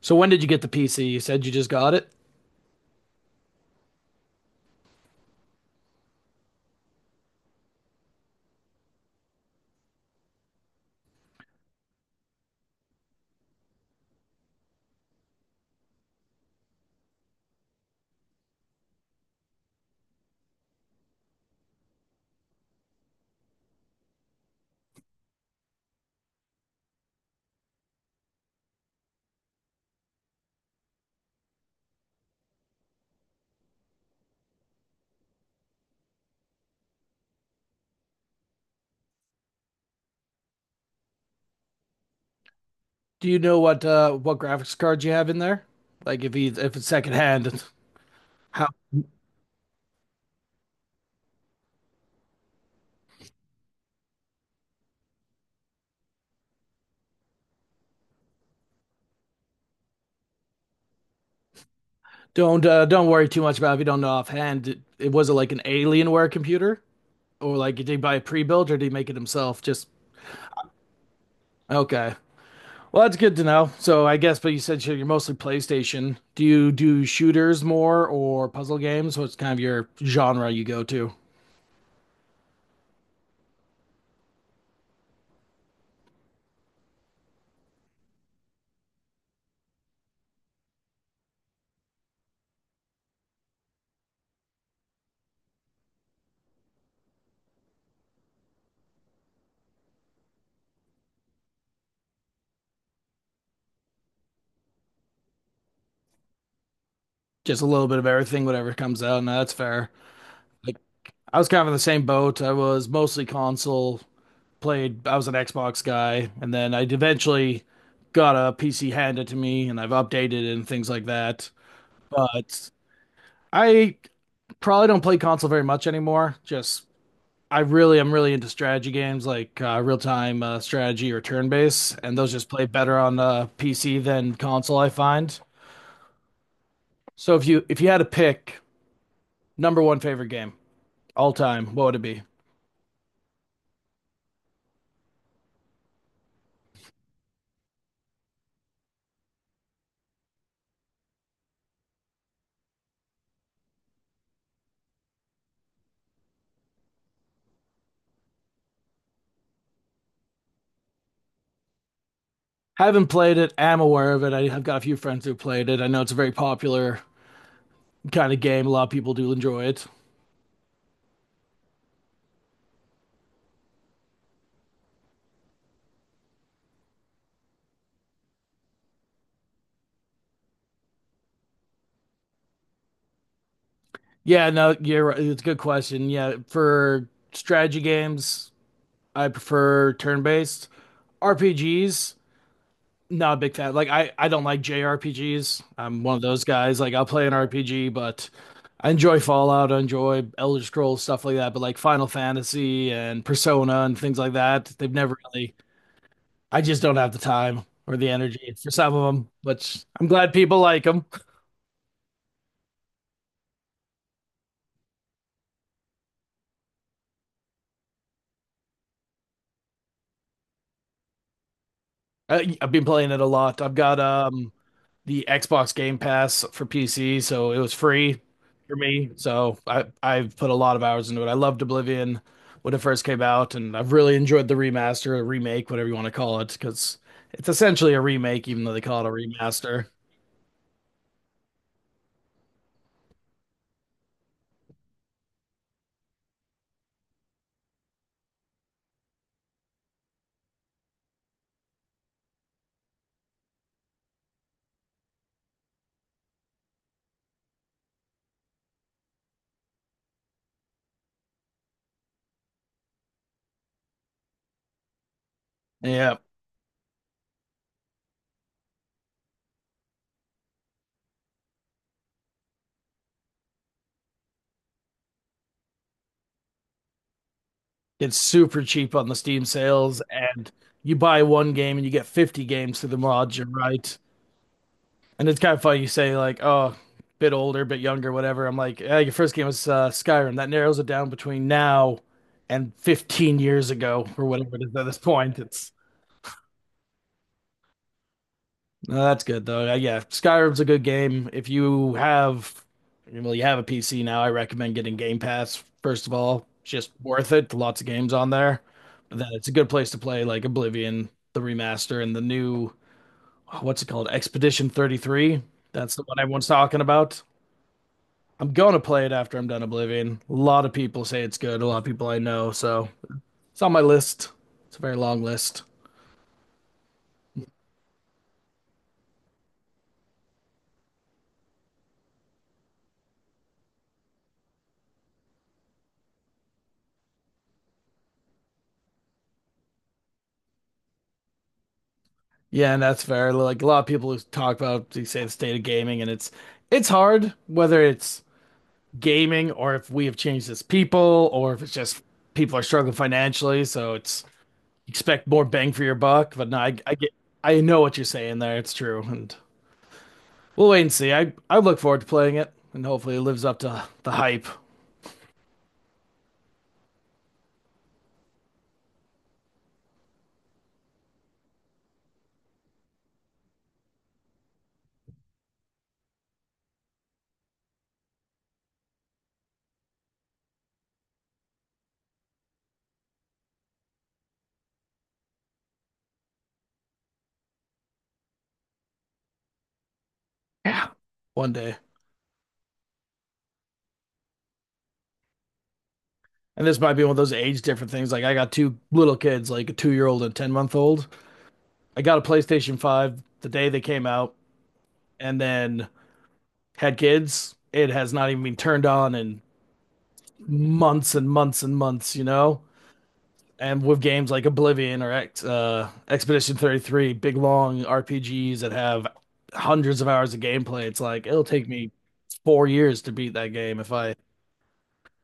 So when did you get the PC? You said you just got it. Do you know what what graphics cards you have in there? Like if it's secondhand, how don't worry too much about it if you don't know offhand. It was it like an Alienware computer, or like did he buy a pre-built or did he make it himself? Just Okay. Well, that's good to know. So I guess, but you said you're mostly PlayStation. Do you do shooters more or puzzle games? What's kind of your genre you go to? Just a little bit of everything, whatever comes out. No, that's fair. Like I was kind of in the same boat. I was mostly console, played, I was an Xbox guy, and then I eventually got a PC handed to me and I've updated it and things like that. But I probably don't play console very much anymore. Just I really I am really into strategy games like real-time strategy or turn-based, and those just play better on PC than console, I find. So if you had to pick number one favorite game all time, what would it be? Haven't played it. Am aware of it. I have got a few friends who played it. I know it's a very popular kind of game. A lot of people do enjoy it. Yeah, no, you're right. It's a good question. Yeah, for strategy games, I prefer turn-based. RPGs, not a big fan. Like I don't like JRPGs. I'm one of those guys. Like I'll play an RPG, but I enjoy Fallout, I enjoy Elder Scrolls, stuff like that. But like Final Fantasy and Persona and things like that, they've never really— I just don't have the time or the energy for some of them, but I'm glad people like them. I've been playing it a lot. I've got the Xbox Game Pass for PC, so it was free for me. So I've put a lot of hours into it. I loved Oblivion when it first came out, and I've really enjoyed the remaster, or remake, whatever you want to call it, because it's essentially a remake, even though they call it a remaster. Yeah, it's super cheap on the Steam sales, and you buy one game and you get 50 games through the mod, you're right. And it's kind of funny you say like, oh, bit older, bit younger, whatever. I'm like, yeah, your first game was Skyrim. That narrows it down between now and 15 years ago or whatever it is at this point. It's— no, that's good though. Yeah, Skyrim's a good game. If you have, well, you have a PC now, I recommend getting Game Pass first of all. Just worth it. Lots of games on there. But then it's a good place to play like Oblivion, the remaster, and the new, what's it called? Expedition 33. That's the one everyone's talking about. I'm gonna play it after I'm done Oblivion. A lot of people say it's good. A lot of people I know, so it's on my list. It's a very long list. Yeah, and that's fair. Like a lot of people who talk about they say the state of gaming, and it's hard whether it's gaming or if we have changed as people or if it's just people are struggling financially. So it's expect more bang for your buck. But no, I get— I know what you're saying there. It's true, and we'll wait and see. I look forward to playing it, and hopefully it lives up to the hype. Yeah. One day. And this might be one of those age different things. Like I got two little kids, like a 2 year old and a 10 month old. I got a PlayStation Five the day they came out, and then had kids. It has not even been turned on in months and months and months, you know. And with games like Oblivion or Expedition 33, big long RPGs that have hundreds of hours of gameplay, it's like it'll take me 4 years to beat that game if I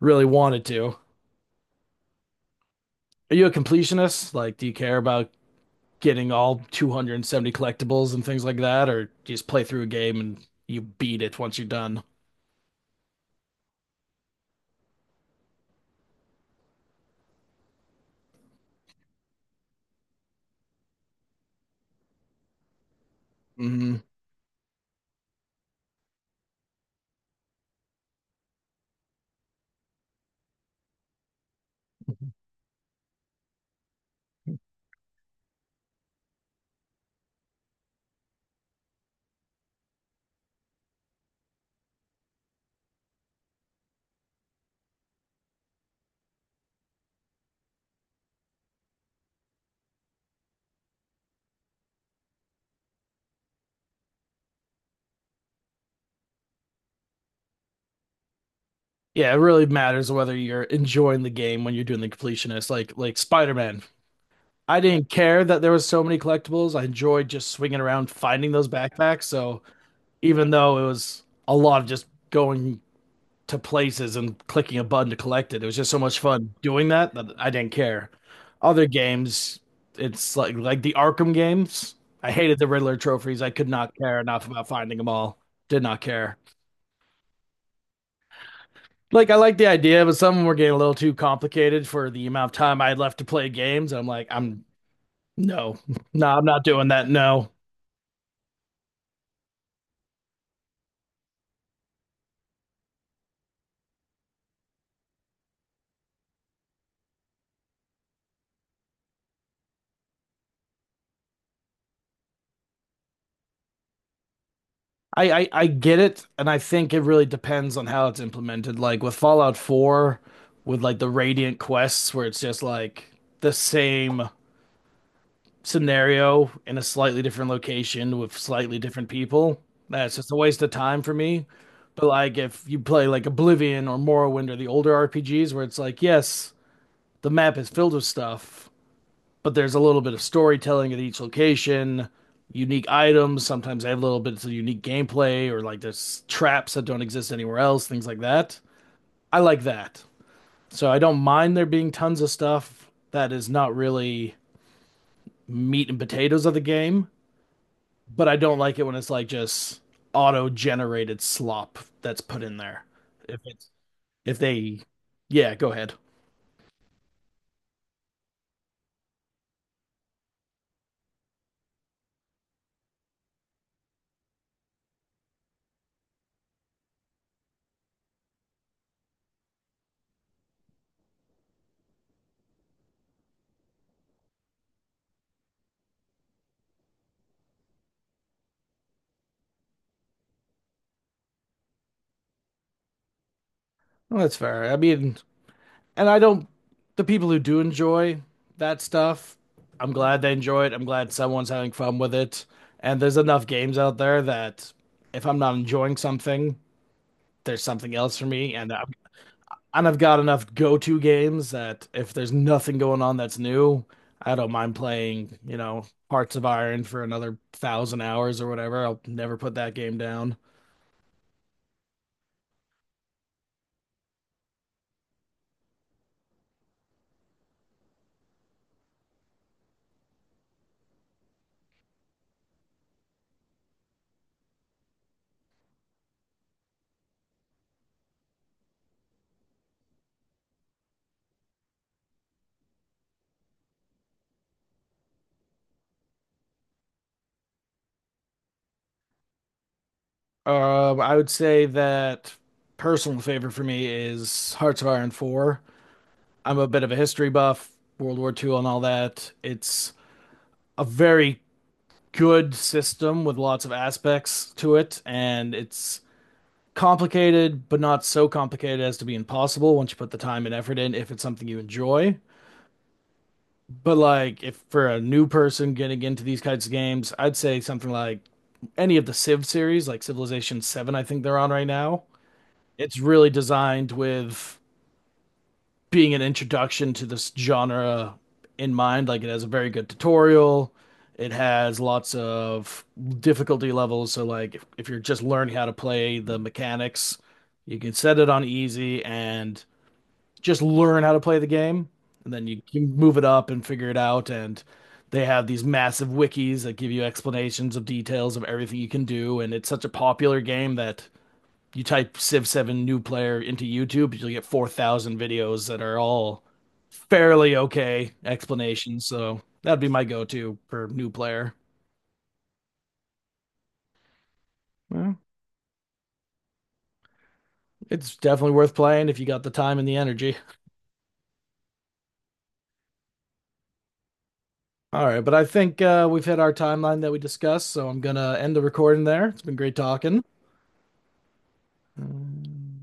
really wanted to. Are you a completionist? Like, do you care about getting all 270 collectibles and things like that, or you just play through a game and you beat it once you're done. Mm-hmm. Yeah, it really matters whether you're enjoying the game when you're doing the completionist. Like Spider-Man, I didn't care that there was so many collectibles. I enjoyed just swinging around finding those backpacks. So even though it was a lot of just going to places and clicking a button to collect it. It was just so much fun doing that that I didn't care. Other games, it's like the Arkham games. I hated the Riddler trophies. I could not care enough about finding them all. Did not care. Like I like the idea, but some of them were getting a little too complicated for the amount of time I had left to play games. I'm like, I'm no, no, I'm not doing that. No. I get it, and I think it really depends on how it's implemented. Like with Fallout 4, with like the Radiant quests, where it's just like the same scenario in a slightly different location with slightly different people. That's just a waste of time for me. But like if you play like Oblivion or Morrowind or the older RPGs, where it's like, yes, the map is filled with stuff, but there's a little bit of storytelling at each location, unique items. Sometimes they have little bits of unique gameplay or like there's traps that don't exist anywhere else, things like that. I like that. So I don't mind there being tons of stuff that is not really meat and potatoes of the game, but I don't like it when it's like just auto generated slop that's put in there. If it's if they yeah, go ahead. Well, that's fair. I mean, and I don't the people who do enjoy that stuff, I'm glad they enjoy it. I'm glad someone's having fun with it. And there's enough games out there that if I'm not enjoying something, there's something else for me. And I've got enough go-to games that if there's nothing going on that's new, I don't mind playing, you know, Hearts of Iron for another thousand hours or whatever. I'll never put that game down. I would say that personal favorite for me is Hearts of Iron 4. I'm a bit of a history buff, World War Two and all that. It's a very good system with lots of aspects to it, and it's complicated, but not so complicated as to be impossible once you put the time and effort in if it's something you enjoy. But like if for a new person getting into these kinds of games, I'd say something like any of the Civ series, like Civilization 7, I think they're on right now. It's really designed with being an introduction to this genre in mind. Like it has a very good tutorial. It has lots of difficulty levels. So like if you're just learning how to play the mechanics, you can set it on easy and just learn how to play the game. And then you can move it up and figure it out. And they have these massive wikis that give you explanations of details of everything you can do. And it's such a popular game that you type Civ 7 new player into YouTube, you'll get 4,000 videos that are all fairly okay explanations. So that'd be my go to for new player. Well, it's definitely worth playing if you got the time and the energy. All right, but I think we've hit our timeline that we discussed, so I'm gonna end the recording there. It's been great talking. Um,